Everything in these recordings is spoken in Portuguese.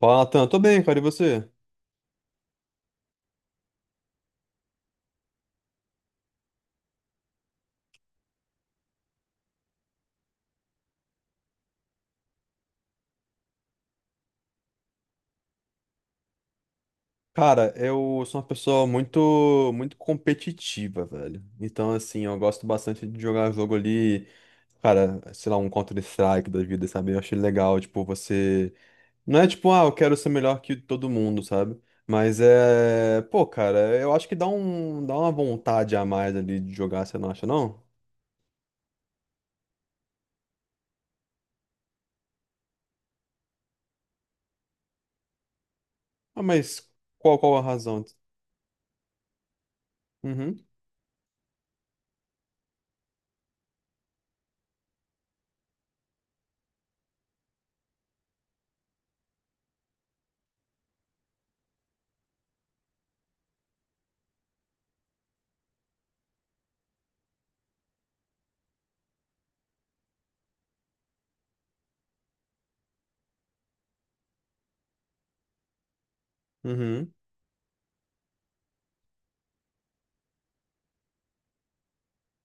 Fala, Natan. Tô bem, cara. E você? Cara, eu sou uma pessoa muito competitiva, velho. Então, assim, eu gosto bastante de jogar jogo ali, cara, sei lá, um Counter-Strike da vida, sabe? Eu achei legal, tipo, você. Não é tipo, ah, eu quero ser melhor que todo mundo, sabe? Mas é. Pô, cara, eu acho que dá uma vontade a mais ali de jogar, você não acha, não? Ah, mas qual a razão? Uhum, uhum.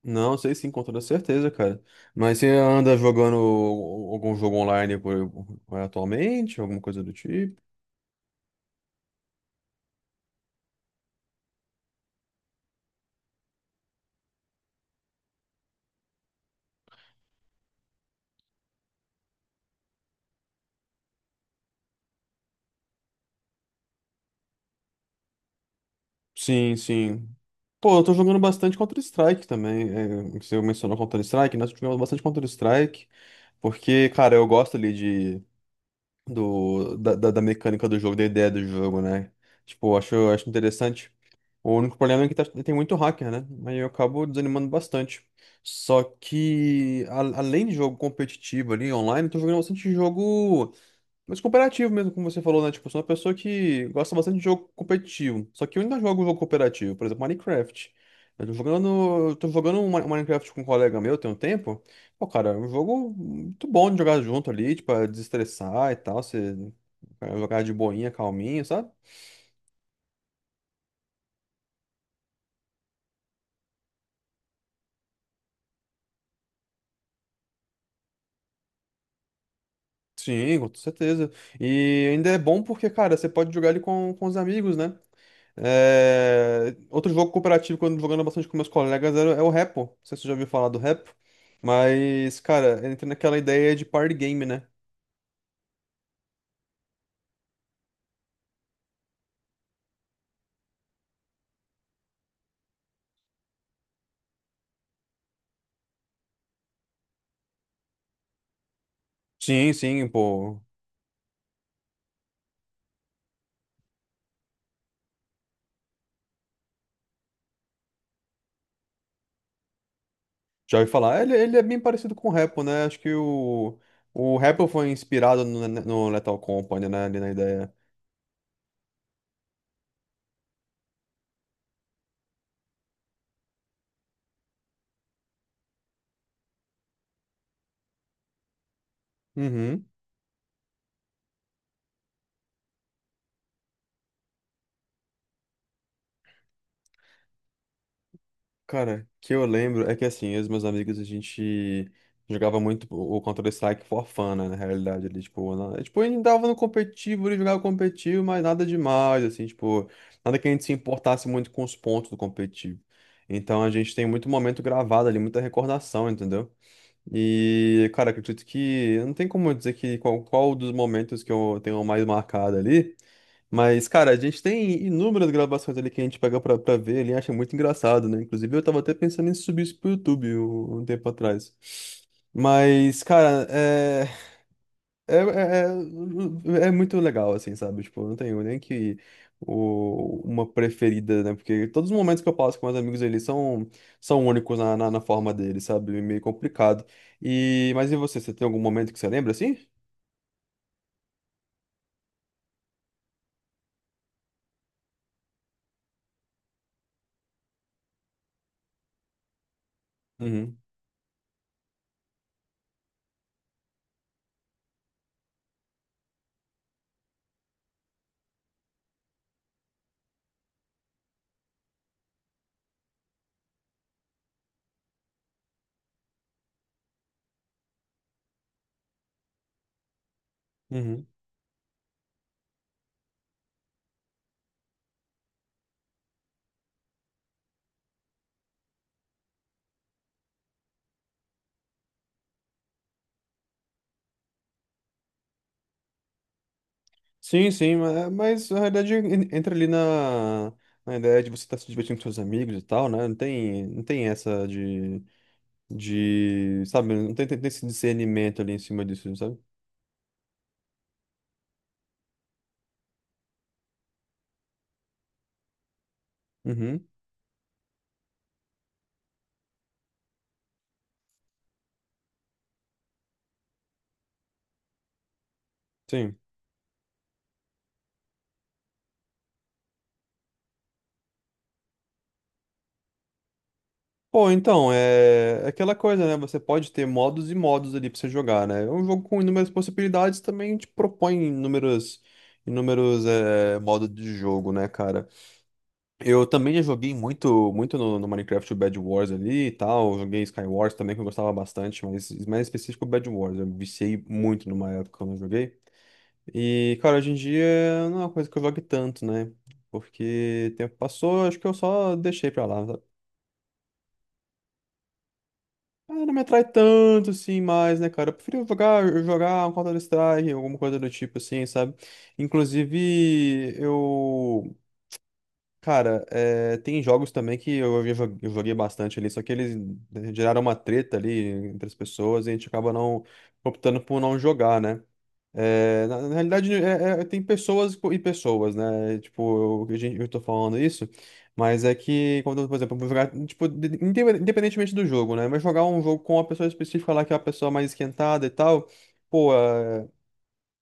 Não, sei sim, com toda certeza, cara. Mas você anda jogando algum jogo online por- atualmente, alguma coisa do tipo? Sim, sim. Pô, eu tô jogando bastante Counter-Strike também. É, você mencionou Counter-Strike, nós jogamos bastante Counter-Strike, porque, cara, eu gosto ali de do, da, da da mecânica do jogo, da ideia do jogo, né? Tipo, eu acho interessante. O único problema é que tem muito hacker, né? Aí eu acabo desanimando bastante. Só que, além de jogo competitivo ali, online, eu tô jogando bastante jogo. Mas cooperativo mesmo, como você falou, né? Tipo, eu sou uma pessoa que gosta bastante de jogo competitivo. Só que eu ainda jogo jogo cooperativo, por exemplo, Minecraft. Eu tô jogando um um Minecraft com um colega meu tem um tempo. Pô, cara, é um jogo muito bom de jogar junto ali, tipo, pra desestressar e tal. Você cara, jogar de boinha, calminho, sabe? Sim, com certeza. E ainda é bom porque, cara, você pode jogar ele com os amigos, né? É, outro jogo cooperativo que eu ando jogando bastante com meus colegas é o Repo. Não sei se você já ouviu falar do Repo. Mas, cara, entra naquela ideia de party game, né? Sim, sim, pô. Já ouvi falar. Ele é bem parecido com o Repo, né? Acho que o Repo foi inspirado no Lethal Company, né? Ali na ideia. Uhum. Cara, que eu lembro é que assim, eu e os meus amigos a gente jogava muito o Counter-Strike for fun, né, na realidade, ali, tipo, na... é, tipo, a dava no competitivo, ele jogava competitivo, mas nada demais, assim, tipo, nada que a gente se importasse muito com os pontos do competitivo. Então a gente tem muito momento gravado ali, muita recordação, entendeu? E, cara, acredito que não tem como eu dizer que qual dos momentos que eu tenho mais marcado ali. Mas, cara, a gente tem inúmeras gravações ali que a gente pega pra ver ali, acha muito engraçado, né? Inclusive, eu tava até pensando em subir isso pro YouTube um tempo atrás. Mas, cara, é, é, é muito legal, assim, sabe? Tipo, eu não tenho nem que o, uma preferida, né? Porque todos os momentos que eu passo com meus amigos eles são únicos na forma deles, sabe? Meio complicado. E, mas e você, você tem algum momento que você lembra, assim? Uhum. Uhum. Sim, sim, é, mas na realidade entra ali na ideia de você estar se divertindo com seus amigos e tal, né? Não tem essa de, sabe? Não tem, tem esse discernimento ali em cima disso, sabe? Uhum, sim. Pô, então, é aquela coisa, né? Você pode ter modos e modos ali pra você jogar, né? É um jogo com inúmeras possibilidades também te propõe inúmeros, inúmeros é, modos de jogo, né, cara? Eu também já joguei muito no Minecraft o Bed Wars ali e tal. Eu joguei Sky Wars também, que eu gostava bastante, mas mais específico o Bed Wars. Eu viciei muito numa época quando eu joguei. E, cara, hoje em dia não é uma coisa que eu jogue tanto, né? Porque o tempo passou, acho que eu só deixei pra lá, sabe? Ah, não me atrai tanto assim mais, né, cara? Eu prefiro jogar um Counter-Strike, alguma coisa do tipo assim, sabe? Inclusive, eu. Cara, é, tem jogos também que eu joguei bastante ali, só que eles né, geraram uma treta ali entre as pessoas e a gente acaba não optando por não jogar, né? É, na realidade, tem pessoas e pessoas, né? Tipo, eu, eu tô falando isso, mas é que quando, por exemplo, eu vou jogar, tipo, independentemente do jogo, né? Mas jogar um jogo com uma pessoa específica lá que é uma pessoa mais esquentada e tal, pô.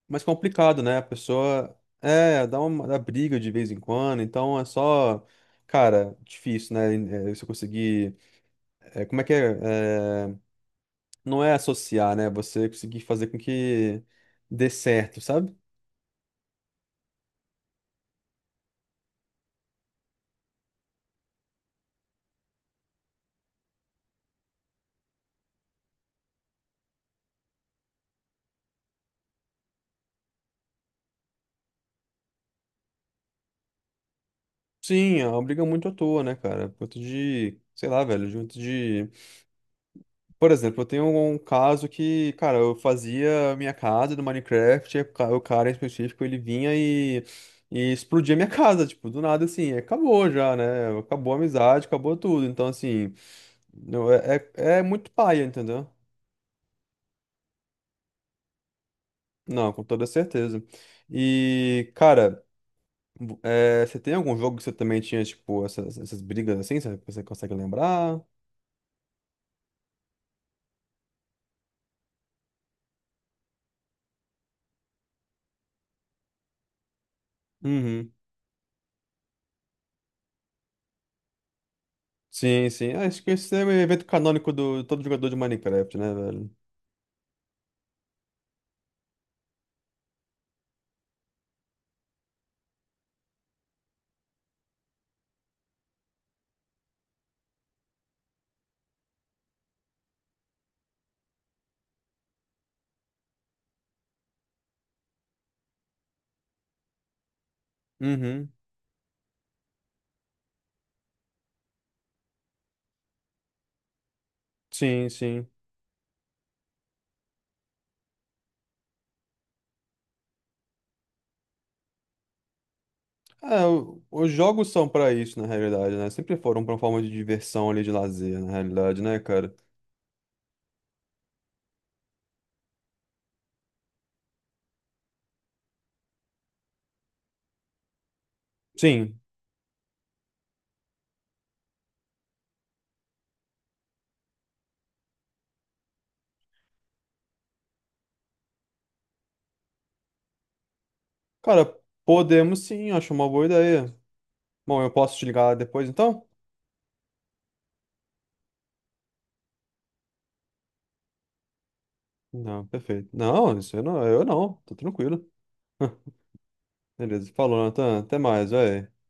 Mais complicado, né? A pessoa é, dá briga de vez em quando, então é só, cara, difícil, né? É, você conseguir, é, como é que é? É, não é associar, né? Você conseguir fazer com que dê certo, sabe? Sim, é uma briga muito à toa, né, cara? Por conta de, sei lá, velho, junto de. Por exemplo, eu tenho um caso que, cara, eu fazia a minha casa do Minecraft, e o o cara em específico, ele vinha e explodia a minha casa, tipo, do nada, assim, acabou já, né? Acabou a amizade, acabou tudo. Então, assim, não, é muito paia, entendeu? Não, com toda certeza. E, cara, é, você tem algum jogo que você também tinha, tipo, essas brigas assim, sabe? Você consegue lembrar? Uhum. Sim, sim. Acho que esse é o evento canônico do todo jogador de Minecraft, né, velho? Uhum. Sim, sim. É, os jogos são pra isso, na realidade, né? Sempre foram pra uma forma de diversão ali, de lazer, na realidade, né, cara? Sim. Cara, podemos sim, acho uma boa ideia. Bom, eu posso te ligar depois, então? Não, perfeito. Não, isso eu não, tô tranquilo. Beleza, falou, Nathan. Até mais, velho.